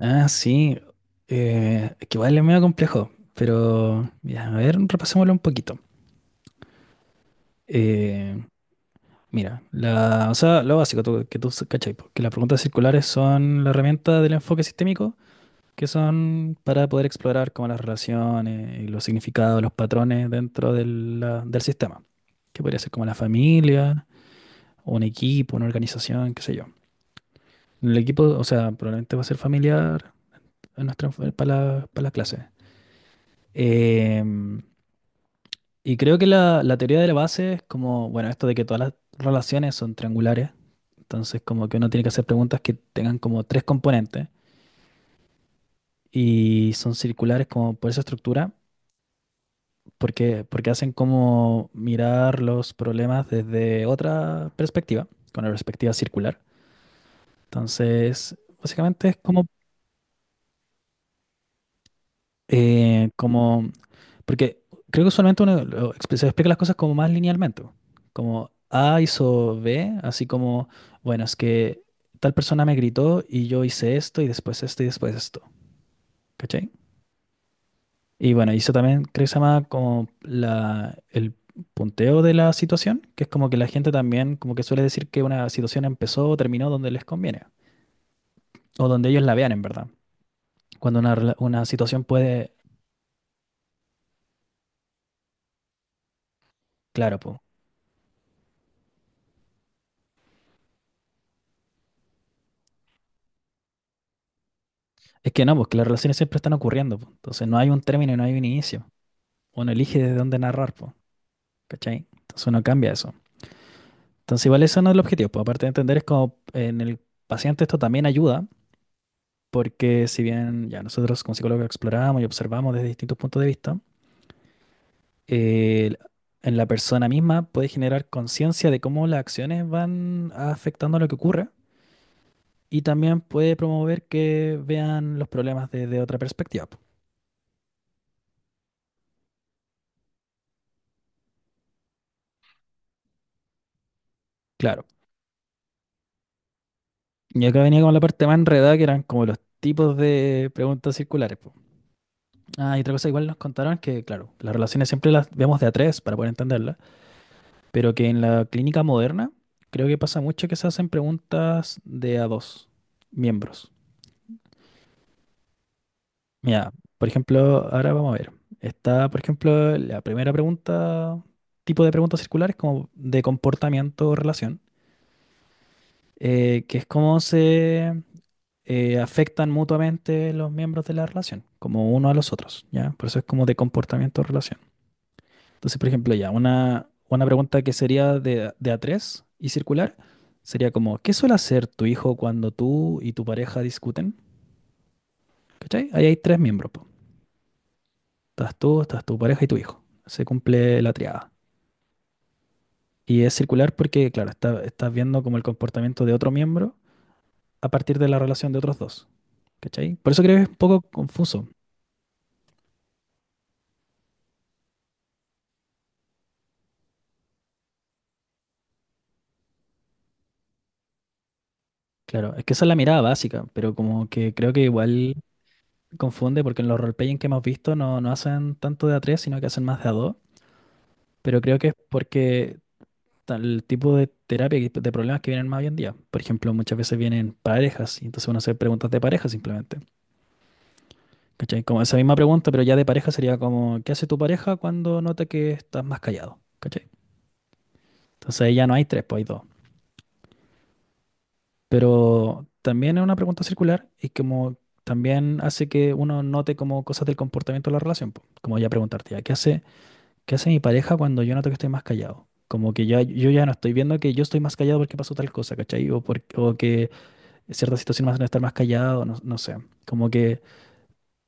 Ah, sí. Que igual es medio complejo, pero mira, a ver, repasémoslo un poquito. Eh, mira, o sea, lo básico que tú cachai, po, que las preguntas circulares son la herramienta del enfoque sistémico, que son para poder explorar como las relaciones y los significados, los patrones dentro del sistema, que podría ser como la familia, un equipo, una organización, qué sé yo. El equipo, o sea, probablemente va a ser familiar en nuestra, para para la clase. Em, Y creo que la teoría de la base es como, bueno, esto de que todas las relaciones son triangulares, entonces como que uno tiene que hacer preguntas que tengan como tres componentes y son circulares como por esa estructura, porque hacen como mirar los problemas desde otra perspectiva, con la perspectiva circular. Entonces, básicamente es como eh, como, porque creo que usualmente uno se explica las cosas como más linealmente, como A hizo B, así como, bueno, es que tal persona me gritó y yo hice esto y después esto y después esto, ¿cachai? Y bueno, y eso también creo que se llama como el punteo de la situación, que es como que la gente también como que suele decir que una situación empezó o terminó donde les conviene, o donde ellos la vean en verdad, cuando una situación puede. Claro. Es que no, porque las relaciones siempre están ocurriendo, po. Entonces no hay un término y no hay un inicio. Uno elige desde dónde narrar, po, ¿cachai? Entonces uno cambia eso. Entonces igual eso no es el objetivo, po. Aparte de entender es como en el paciente esto también ayuda, porque si bien ya nosotros como psicólogos exploramos y observamos desde distintos puntos de vista, eh, en la persona misma puede generar conciencia de cómo las acciones van afectando lo que ocurre y también puede promover que vean los problemas desde otra perspectiva, po. Claro. Y acá venía como la parte más enredada, que eran como los tipos de preguntas circulares, po. Ah, y otra cosa, igual nos contaron que, claro, las relaciones siempre las vemos de a tres para poder entenderlas, pero que en la clínica moderna creo que pasa mucho que se hacen preguntas de a dos miembros. Mira, por ejemplo, ahora vamos a ver. Está, por ejemplo, la primera pregunta, tipo de preguntas circulares como de comportamiento o relación, que es cómo se afectan mutuamente los miembros de la relación, como uno a los otros, ¿ya? Por eso es como de comportamiento de relación. Entonces, por ejemplo, ya, una pregunta que sería de a tres y circular sería como, ¿qué suele hacer tu hijo cuando tú y tu pareja discuten? ¿Cachai? Ahí hay tres miembros, po. Estás tú, estás tu pareja y tu hijo. Se cumple la triada. Y es circular porque, claro, estás viendo como el comportamiento de otro miembro a partir de la relación de otros dos. ¿Cachai? Por eso creo que es un poco confuso. Claro, es que esa es la mirada básica, pero como que creo que igual confunde porque en los roleplaying que hemos visto no hacen tanto de a tres, sino que hacen más de a dos. Pero creo que es porque el tipo de terapia, y de problemas que vienen más hoy en día. Por ejemplo, muchas veces vienen parejas y entonces uno hace preguntas de pareja simplemente. ¿Cachai? Como esa misma pregunta, pero ya de pareja sería como, ¿qué hace tu pareja cuando nota que estás más callado? ¿Cachai? Entonces ahí ya no hay tres, pues hay dos. Pero también es una pregunta circular y como también hace que uno note como cosas del comportamiento de la relación, po. Como ya preguntarte, ya, ¿qué hace mi pareja cuando yo noto que estoy más callado? Como que ya, yo ya no estoy viendo que yo estoy más callado porque pasó tal cosa, ¿cachai? O que cierta situación me hace estar más callado, no, no sé. Como que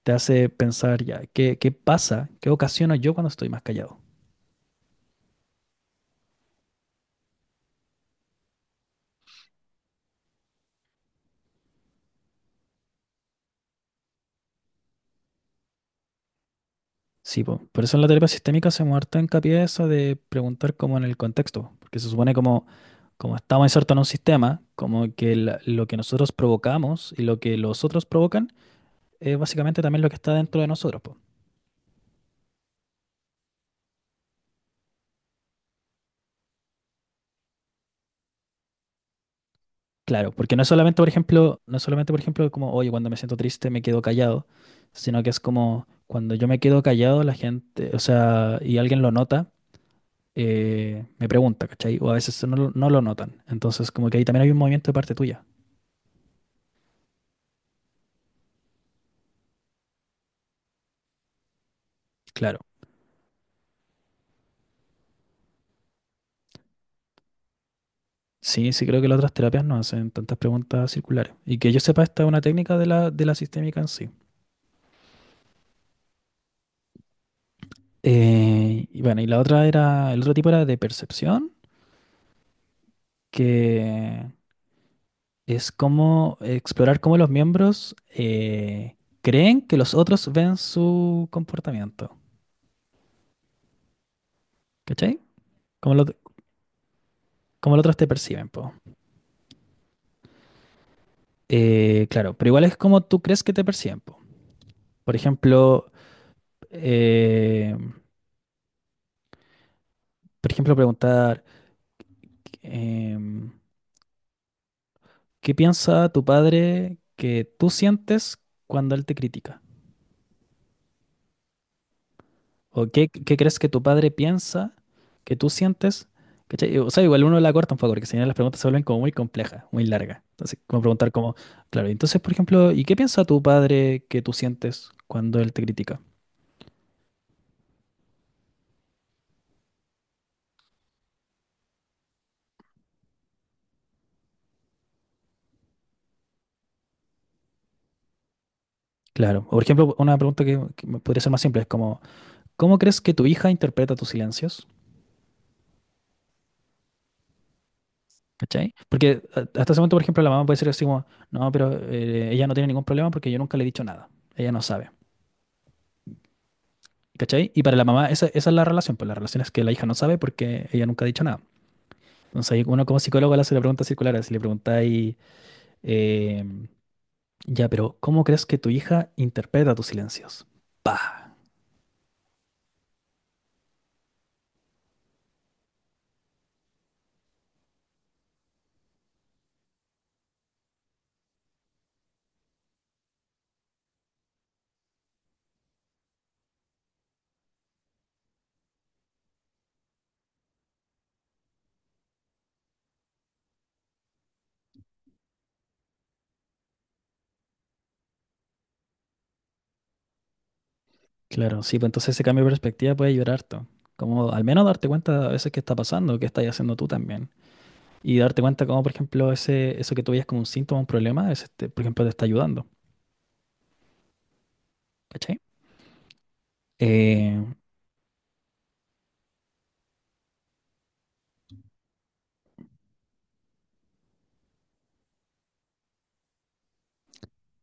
te hace pensar ya, ¿qué pasa? ¿Qué ocasiona yo cuando estoy más callado? Sí, po. Por eso en la terapia sistémica hacemos harto hincapié eso de preguntar como en el contexto, po, porque se supone como, como estamos insertos en un sistema, como que la- lo que nosotros provocamos y lo que los otros provocan es básicamente también lo que está dentro de nosotros, po. Claro, porque no es solamente, por ejemplo, no es solamente, por ejemplo, como, oye, cuando me siento triste me quedo callado, sino que es como cuando yo me quedo callado, la gente, o sea, y alguien lo nota, me pregunta, ¿cachai? O a veces no, lo- no lo notan. Entonces, como que ahí también hay un movimiento de parte tuya. Claro. Sí, sí creo que las otras terapias no hacen tantas preguntas circulares. Y que yo sepa, esta es una técnica de la sistémica en sí. Y bueno, y la el otro tipo era de percepción, que es como explorar cómo los miembros creen que los otros ven su comportamiento. ¿Cachai? Cómo, lo- cómo los otros te perciben, po. Claro, pero igual es como tú crees que te perciben, po. Por ejemplo, eh, por ejemplo, preguntar... em, ¿Qué piensa tu padre que tú sientes cuando él te critica? ¿O qué crees que tu padre piensa que tú sientes? ¿Cachai? O sea, igual uno la corta un poco, porque si no las preguntas se vuelven como muy complejas, muy largas. Entonces, como preguntar como, claro, entonces, por ejemplo, ¿y qué piensa tu padre que tú sientes cuando él te critica? Claro. O, por ejemplo, una pregunta que me podría ser más simple es como, ¿cómo crees que tu hija interpreta tus silencios? ¿Cachai? Porque hasta ese momento, por ejemplo, la mamá puede ser así como, no, pero ella no tiene ningún problema porque yo nunca le he dicho nada. Ella no sabe. ¿Cachai? Y para la mamá, esa es la relación. Pues la relación es que la hija no sabe porque ella nunca ha dicho nada. Entonces, ahí uno como psicólogo le hace la pregunta circular. Si le preguntáis, eh, ya, pero ¿cómo crees que tu hija interpreta tus silencios? ¡Pah! Claro, sí, pues entonces ese cambio de perspectiva puede ayudar harto. Como al menos darte cuenta a veces qué está pasando, qué estás haciendo tú también. Y darte cuenta cómo, por ejemplo, eso que tú veías como un síntoma, un problema, es este, por ejemplo, te está ayudando. ¿Cachai? Eh,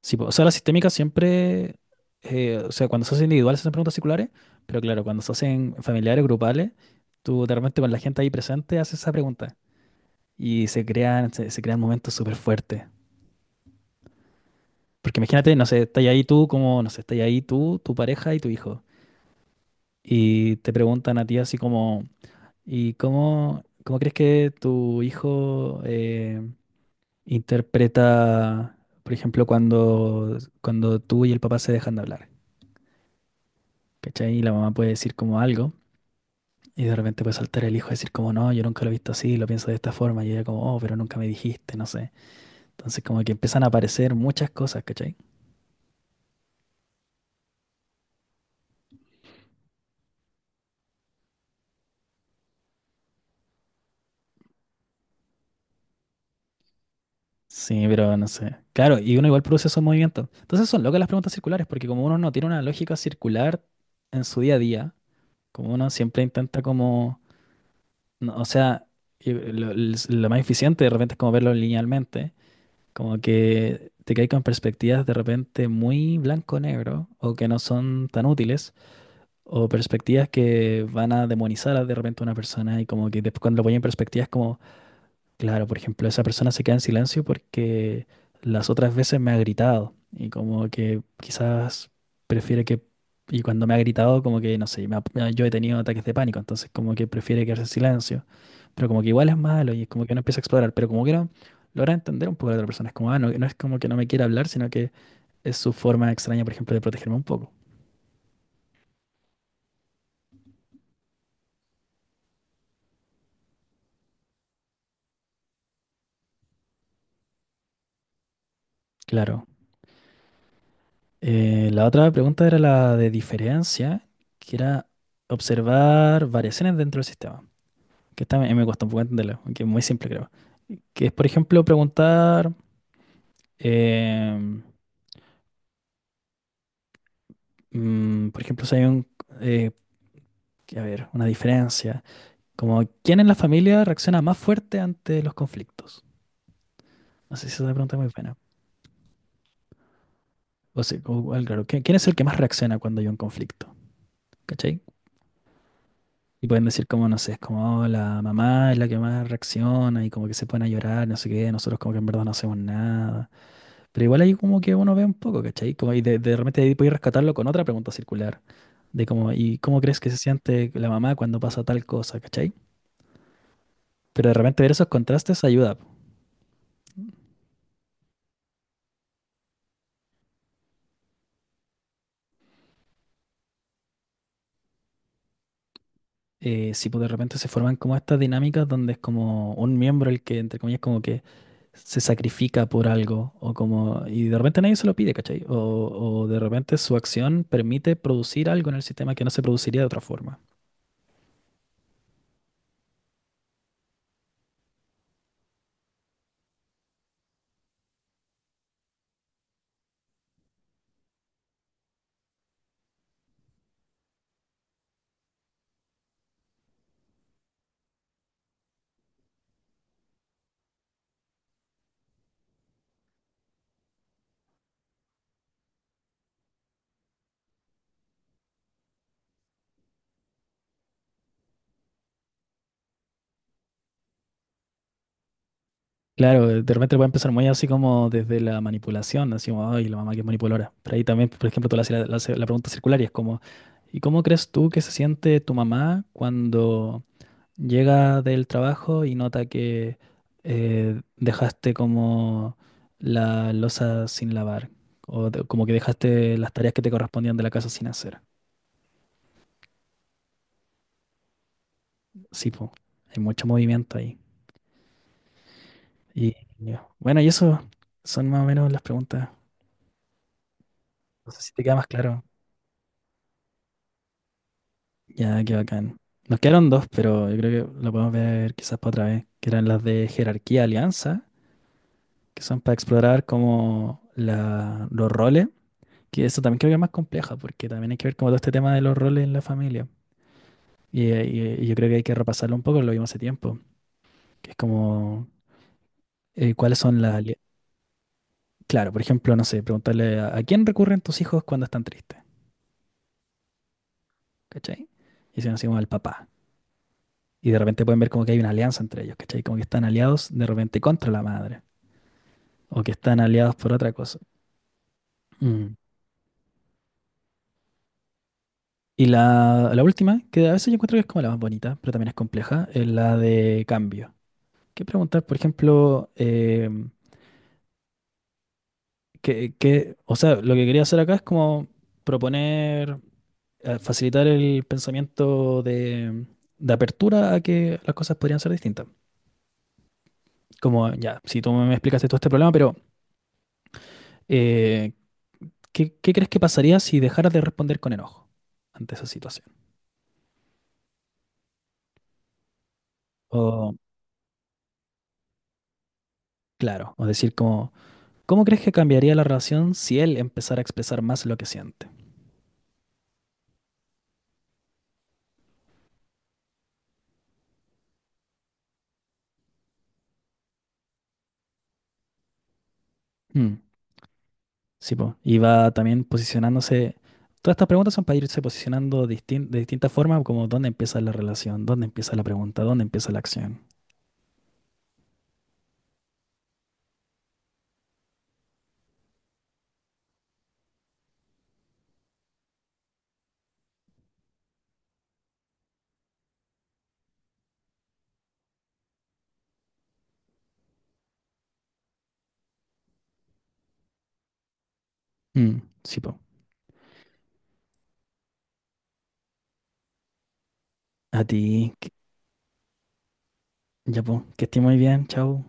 sí, po, o sea, la sistémica siempre, o sea, cuando se hace individual se hacen preguntas circulares, pero claro, cuando se hacen familiares, grupales, tú de repente con la gente ahí presente haces esa pregunta y se crean momentos súper fuertes. Porque imagínate, no sé, estás ahí tú, como, no sé, estás ahí tú, tu pareja y tu hijo. Y te preguntan a ti así como, ¿y cómo crees que tu hijo... interpreta, por ejemplo, cuando tú y el papá se dejan de hablar, ¿cachai? Y la mamá puede decir como algo, y de repente puede saltar el hijo y decir como, no, yo nunca lo he visto así, lo pienso de esta forma, y ella como, oh, pero nunca me dijiste, no sé. Entonces como que empiezan a aparecer muchas cosas, ¿cachai? Sí, pero no sé. Claro, y uno igual produce esos movimientos. Entonces son locas las preguntas circulares, porque como uno no tiene una lógica circular en su día a día, como uno siempre intenta como, no, o sea, y lo más eficiente de repente es como verlo linealmente, como que te caes con perspectivas de repente muy blanco-negro o que no son tan útiles o perspectivas que van a demonizar a de repente a una persona y como que después cuando lo ponen en perspectivas como claro, por ejemplo, esa persona se queda en silencio porque las otras veces me ha gritado y como que quizás prefiere que, y cuando me ha gritado como que, no sé, yo he tenido ataques de pánico, entonces como que prefiere quedarse en silencio, pero como que igual es malo y es como que no empieza a explorar, pero como que no logra entender un poco a la otra persona, es como, ah, no, no es como que no me quiera hablar, sino que es su forma extraña, por ejemplo, de protegerme un poco. Claro. La otra pregunta era la de diferencia, que era observar variaciones dentro del sistema. Que esta me cuesta un poco entenderlo, aunque es muy simple creo. Que es, por ejemplo, preguntar, em, por ejemplo, si hay eh, a ver, una diferencia, como quién en la familia reacciona más fuerte ante los conflictos. No sé si esa pregunta es muy buena. O sea, claro, ¿quién es el que más reacciona cuando hay un conflicto? ¿Cachai? Y pueden decir como, no sé, es como, "Oh, la mamá es la que más reacciona y como que se pone a llorar, no sé qué, nosotros como que en verdad no hacemos nada". Pero igual ahí como que uno ve un poco, ¿cachai? Como y de repente ahí podéis rescatarlo con otra pregunta circular, de cómo, ¿y cómo crees que se siente la mamá cuando pasa tal cosa? ¿Cachai? Pero de repente ver esos contrastes ayuda, po. Si pues, de repente se forman como estas dinámicas donde es como un miembro el que, entre comillas, como que se sacrifica por algo, o como, y de repente nadie se lo pide, ¿cachai? O de repente su acción permite producir algo en el sistema que no se produciría de otra forma. Claro, de repente puede empezar muy así como desde la manipulación, así como, ay, la mamá que es manipuladora. Pero ahí también, por ejemplo, tú le haces la haces la pregunta circular y es como, ¿y cómo crees tú que se siente tu mamá cuando llega del trabajo y nota que dejaste como la loza sin lavar? O como que dejaste las tareas que te correspondían de la casa sin hacer. Sí, pues, hay mucho movimiento ahí. Y bueno, y eso son más o menos las preguntas. No sé si te queda más claro. Ya, qué bacán. Nos quedaron dos, pero yo creo que lo podemos ver quizás para otra vez, que eran las de jerarquía alianza, que son para explorar como los roles, que eso también creo que es más compleja, porque también hay que ver como todo este tema de los roles en la familia. Y, yo creo que hay que repasarlo un poco, lo vimos hace tiempo, que es como cuáles son las... Claro, por ejemplo, no sé, preguntarle ¿a quién recurren tus hijos cuando están tristes, ¿cachai? Y si nos decimos al papá. Y de repente pueden ver como que hay una alianza entre ellos, ¿cachai? Como que están aliados de repente contra la madre, o que están aliados por otra cosa. Mm. Y la última, que a veces yo encuentro que es como la más bonita, pero también es compleja, es la de cambio. Que preguntar, por ejemplo, o sea, lo que quería hacer acá es como proponer, facilitar el pensamiento de apertura a que las cosas podrían ser distintas. Como, ya, si tú me explicaste todo este problema, pero eh, ¿qué crees que pasaría si dejaras de responder con enojo ante esa situación? O, claro, o decir como... ¿Cómo crees que cambiaría la relación si él empezara a expresar más lo que siente? Mm, sí, po. Y va también posicionándose. Todas estas preguntas son para irse posicionando de distintas formas, como dónde empieza la relación, dónde empieza la pregunta, dónde empieza la acción. Mm, sí, po. A ti, ya, po. Que estés muy bien, chao.